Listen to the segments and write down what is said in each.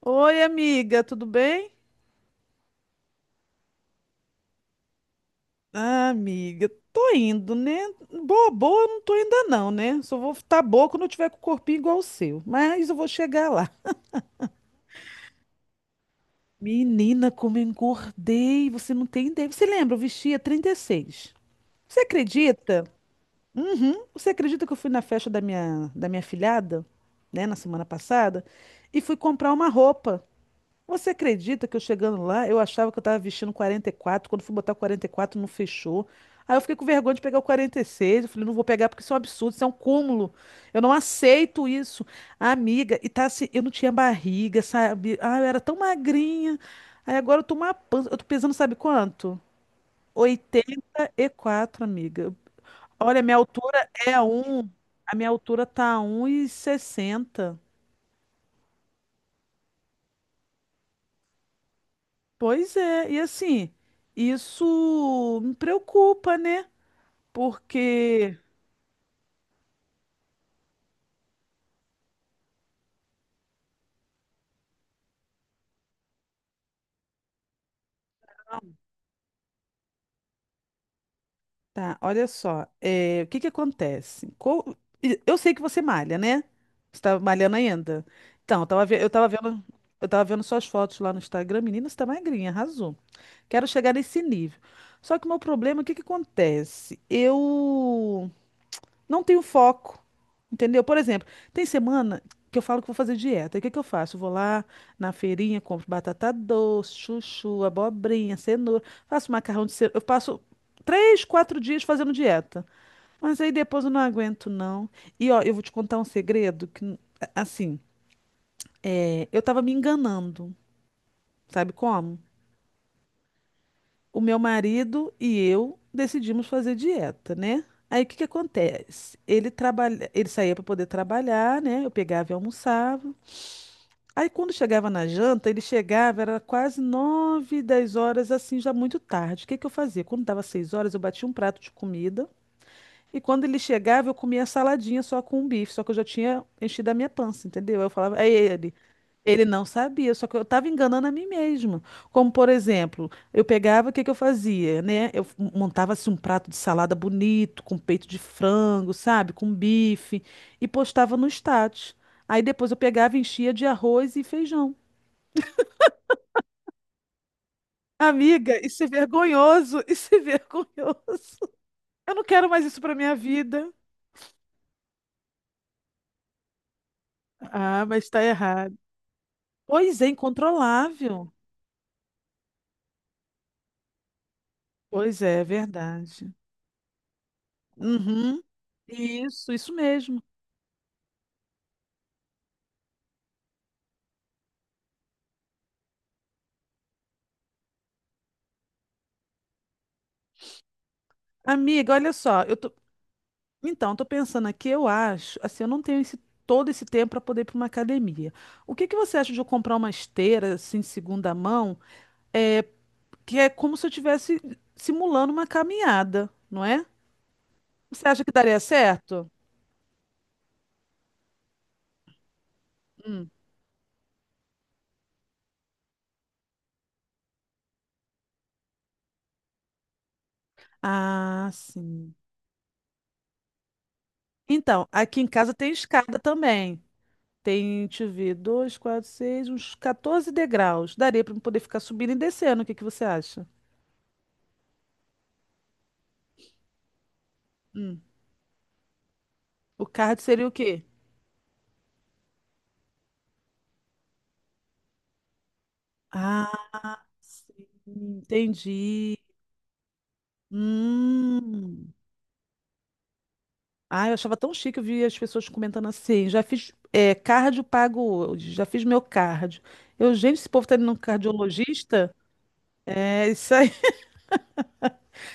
Oi, amiga, tudo bem? Ah, amiga, tô indo, né? Boa, boa, eu não tô ainda não, né? Só vou estar boa quando eu tiver com o corpinho igual o seu. Mas eu vou chegar lá. Menina, como eu engordei, você não tem ideia. Você lembra, eu vestia 36. Você acredita? Uhum. Você acredita que eu fui na festa da minha filhada, né, na semana passada, e fui comprar uma roupa. Você acredita que eu chegando lá, eu achava que eu tava vestindo 44? Quando fui botar 44, não fechou. Aí eu fiquei com vergonha de pegar o 46. Eu falei, não vou pegar porque isso é um absurdo, isso é um cúmulo. Eu não aceito isso. A amiga, e tá assim, eu não tinha barriga, sabe? Ah, eu era tão magrinha. Aí agora eu tô uma pança, eu tô pesando sabe quanto? 84, amiga. Olha, a minha altura tá um 1,60. Pois é, e assim, isso me preocupa, né? Porque, tá, olha só, o que que acontece? Eu sei que você malha, né? Você tá malhando ainda. Então, eu tava vendo suas fotos lá no Instagram. Menina, você tá magrinha, arrasou. Quero chegar nesse nível. Só que o meu problema, o que que acontece? Eu não tenho foco, entendeu? Por exemplo, tem semana que eu falo que vou fazer dieta. E o que que eu faço? Eu vou lá na feirinha, compro batata doce, chuchu, abobrinha, cenoura, faço macarrão de cenoura. Eu passo 3, 4 dias fazendo dieta. Mas aí depois eu não aguento, não. E ó, eu vou te contar um segredo que, assim, eu tava me enganando, sabe como? O meu marido e eu decidimos fazer dieta, né? Aí o que que acontece? Ele trabalha, ele saía para poder trabalhar, né? Eu pegava e almoçava. Aí quando chegava na janta, ele chegava, era quase 9, 10 horas, assim, já muito tarde. O que que eu fazia? Quando dava 6 horas, eu batia um prato de comida e quando ele chegava, eu comia saladinha só com um bife, só que eu já tinha enchido a minha pança, entendeu? Eu falava, aí ele. Ele não sabia, só que eu estava enganando a mim mesma. Como, por exemplo, eu pegava, o que que eu fazia, né? Eu montava assim um prato de salada bonito, com peito de frango, sabe? Com bife, e postava no status. Aí depois eu pegava e enchia de arroz e feijão. Amiga, isso é vergonhoso, isso é vergonhoso. Eu não quero mais isso para minha vida. Ah, mas está errado. Pois é, incontrolável. Pois é, é verdade. Uhum. Isso mesmo. Amiga, olha só, eu tô... Então, eu tô pensando aqui, eu acho, assim, eu não tenho esse, todo esse tempo para poder ir para uma academia. O que que você acha de eu comprar uma esteira, assim, de segunda mão, é, que é como se eu estivesse simulando uma caminhada, não é? Você acha que daria certo? Hum. Ah, sim. Então, aqui em casa tem escada também. Tem, deixa eu ver, dois, quatro, seis, uns 14 degraus. Daria para poder ficar subindo e descendo. O que que você acha? Hum. O card seria o quê? Ah, sim, entendi. Hum. Ah, eu achava tão chique, eu vi as pessoas comentando assim. Já fiz cardio pago hoje, já fiz meu cardio. Eu, gente, esse povo tá indo num cardiologista? É isso aí.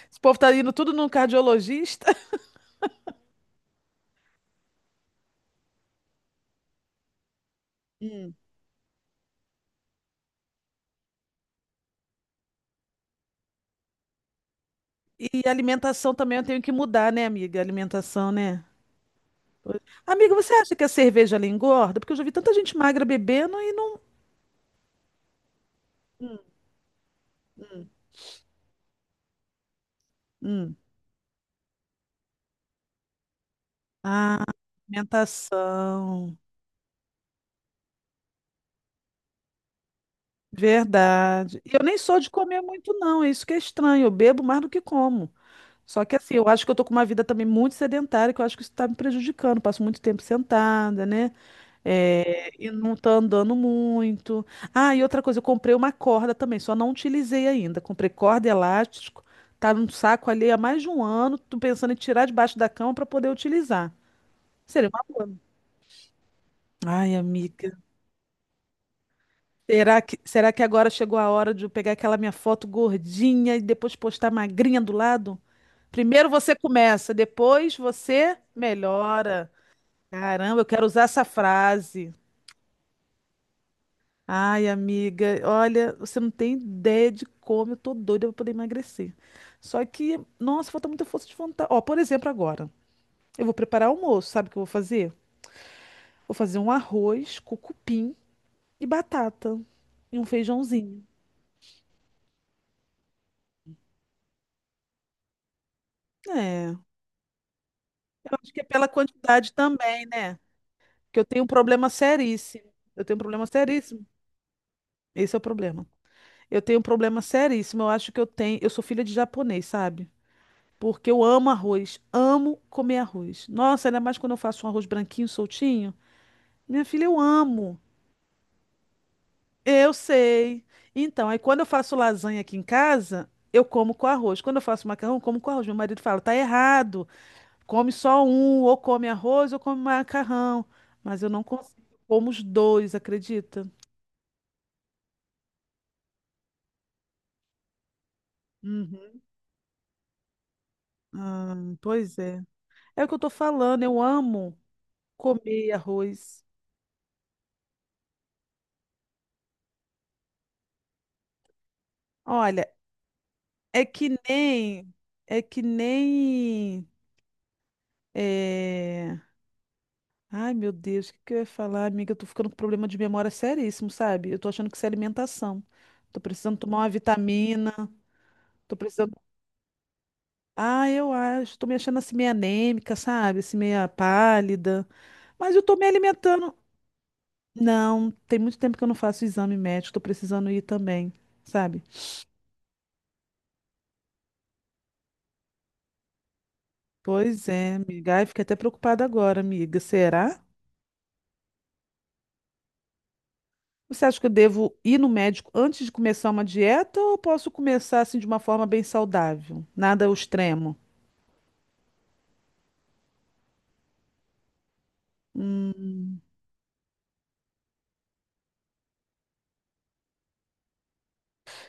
Esse povo tá indo tudo num cardiologista. Hum. E alimentação também eu tenho que mudar, né, amiga? Alimentação, né? Pois- amiga, você acha que a cerveja ela engorda? Porque eu já vi tanta gente magra bebendo e não. Hum, hum. Ah, alimentação. Verdade. E eu nem sou de comer muito, não. É isso que é estranho. Eu bebo mais do que como. Só que assim, eu acho que eu tô com uma vida também muito sedentária, que eu acho que isso tá me prejudicando. Passo muito tempo sentada, né? É, e não tá andando muito. Ah, e outra coisa, eu comprei uma corda também, só não utilizei ainda. Comprei corda e elástico, tá num saco ali há mais de um ano, tô pensando em tirar debaixo da cama para poder utilizar. Seria uma boa. Ai, amiga. Será que agora chegou a hora de eu pegar aquela minha foto gordinha e depois postar magrinha do lado? Primeiro você começa, depois você melhora. Caramba, eu quero usar essa frase. Ai, amiga, olha, você não tem ideia de como eu tô doida pra poder emagrecer. Só que, nossa, falta muita força de vontade. Ó, por exemplo, agora, eu vou preparar almoço, sabe o que eu vou fazer? Vou fazer um arroz com cupim e batata e um feijãozinho. É, eu acho que é pela quantidade também, né? Que eu tenho um problema seríssimo. Eu tenho um problema seríssimo. Esse é o problema. Eu tenho um problema seríssimo. Eu acho que eu tenho, eu sou filha de japonês, sabe? Porque eu amo arroz, amo comer arroz. Nossa, ainda mais quando eu faço um arroz branquinho, soltinho. Minha filha, eu amo. Eu sei. Então, aí quando eu faço lasanha aqui em casa, eu como com arroz. Quando eu faço macarrão, eu como com arroz. Meu marido fala, tá errado. Come só um, ou come arroz, ou come macarrão. Mas eu não consigo. Como os dois, acredita? Uhum. Ah, pois é. É o que eu tô falando, eu amo comer arroz. Olha. É que nem. É que nem. É... Ai, meu Deus, o que que eu ia falar, amiga? Eu tô ficando com problema de memória seríssimo, sabe? Eu tô achando que isso é alimentação. Tô precisando tomar uma vitamina. Tô precisando. Ah, eu acho. Tô me achando assim meio anêmica, sabe? Assim, meia pálida. Mas eu tô me alimentando. Não, tem muito tempo que eu não faço exame médico. Tô precisando ir também, sabe? Pois é, amiga. Ai, fiquei até preocupada agora, amiga. Será? Você acha que eu devo ir no médico antes de começar uma dieta ou eu posso começar assim de uma forma bem saudável? Nada ao extremo. Hum,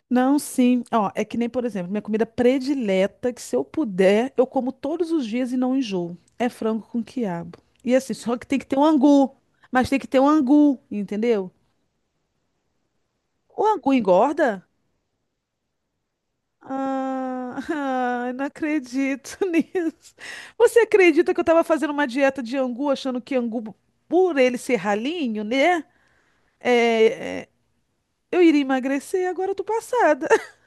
não, sim. Ó, é que nem, por exemplo, minha comida predileta, que se eu puder, eu como todos os dias e não enjoo. É frango com quiabo. E assim, só que tem que ter um angu. Mas tem que ter um angu, entendeu? O angu engorda? Ah, ah, eu não acredito nisso. Você acredita que eu estava fazendo uma dieta de angu, achando que angu, por ele ser ralinho, né? é, é, eu iria emagrecer, agora eu tô passada.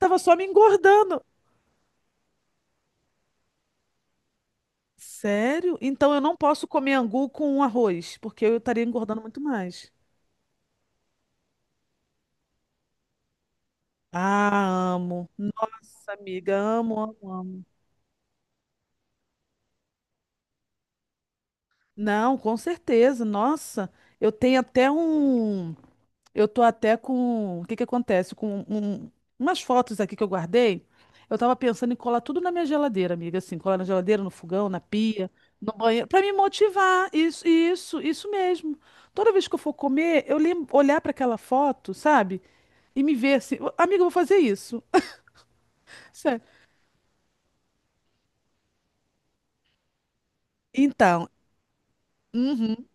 Tava só me engordando. Sério? Então eu não posso comer angu com arroz, porque eu estaria engordando muito mais. Ah, amo. Nossa, amiga, amo, amo, amo. Não, com certeza. Nossa, eu tenho até um. Eu tô até com. O que que acontece? Com umas fotos aqui que eu guardei. Eu tava pensando em colar tudo na minha geladeira, amiga. Assim, colar na geladeira, no fogão, na pia, no banheiro, pra me motivar. Isso mesmo. Toda vez que eu for comer, eu lembro, olhar pra aquela foto, sabe? E me ver assim, "Ô, amiga, eu vou fazer isso." Sério. Então, uhum.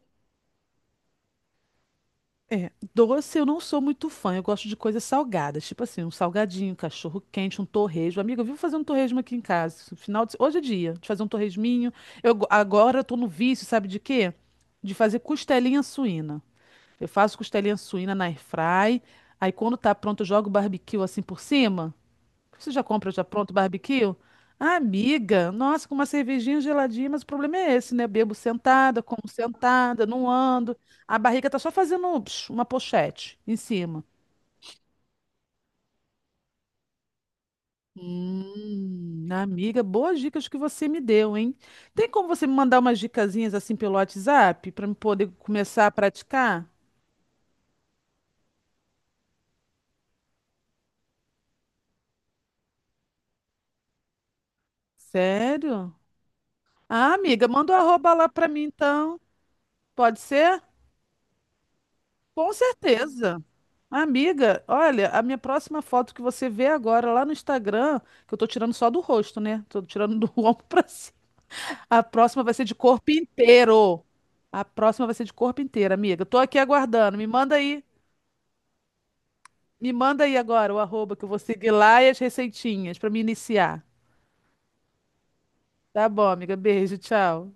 É, doce eu não sou muito fã, eu gosto de coisas salgadas, tipo assim, um salgadinho, um cachorro quente, um torresmo. Amiga, eu vivo fazer um torresmo aqui em casa. Esse final de... Hoje é dia de fazer um torresminho. Agora eu tô no vício, sabe de quê? De fazer costelinha suína. Eu faço costelinha suína na airfry, aí quando tá pronto eu jogo barbecue assim por cima. Você já compra já pronto barbecue? Ah, amiga, nossa, com uma cervejinha geladinha, mas o problema é esse, né? Bebo sentada, como sentada, não ando. A barriga tá só fazendo psh, uma pochete em cima. Amiga, boas dicas que você me deu, hein? Tem como você me mandar umas dicasinhas assim pelo WhatsApp para eu poder começar a praticar? Sério? Ah, amiga, manda o arroba lá para mim então. Pode ser? Com certeza. Amiga, olha, a minha próxima foto que você vê agora lá no Instagram, que eu tô tirando só do rosto, né? Tô tirando do ombro pra cima. A próxima vai ser de corpo inteiro. A próxima vai ser de corpo inteiro, amiga. Tô aqui aguardando. Me manda aí agora o arroba que eu vou seguir lá e as receitinhas pra me iniciar. Tá bom, amiga. Beijo, tchau.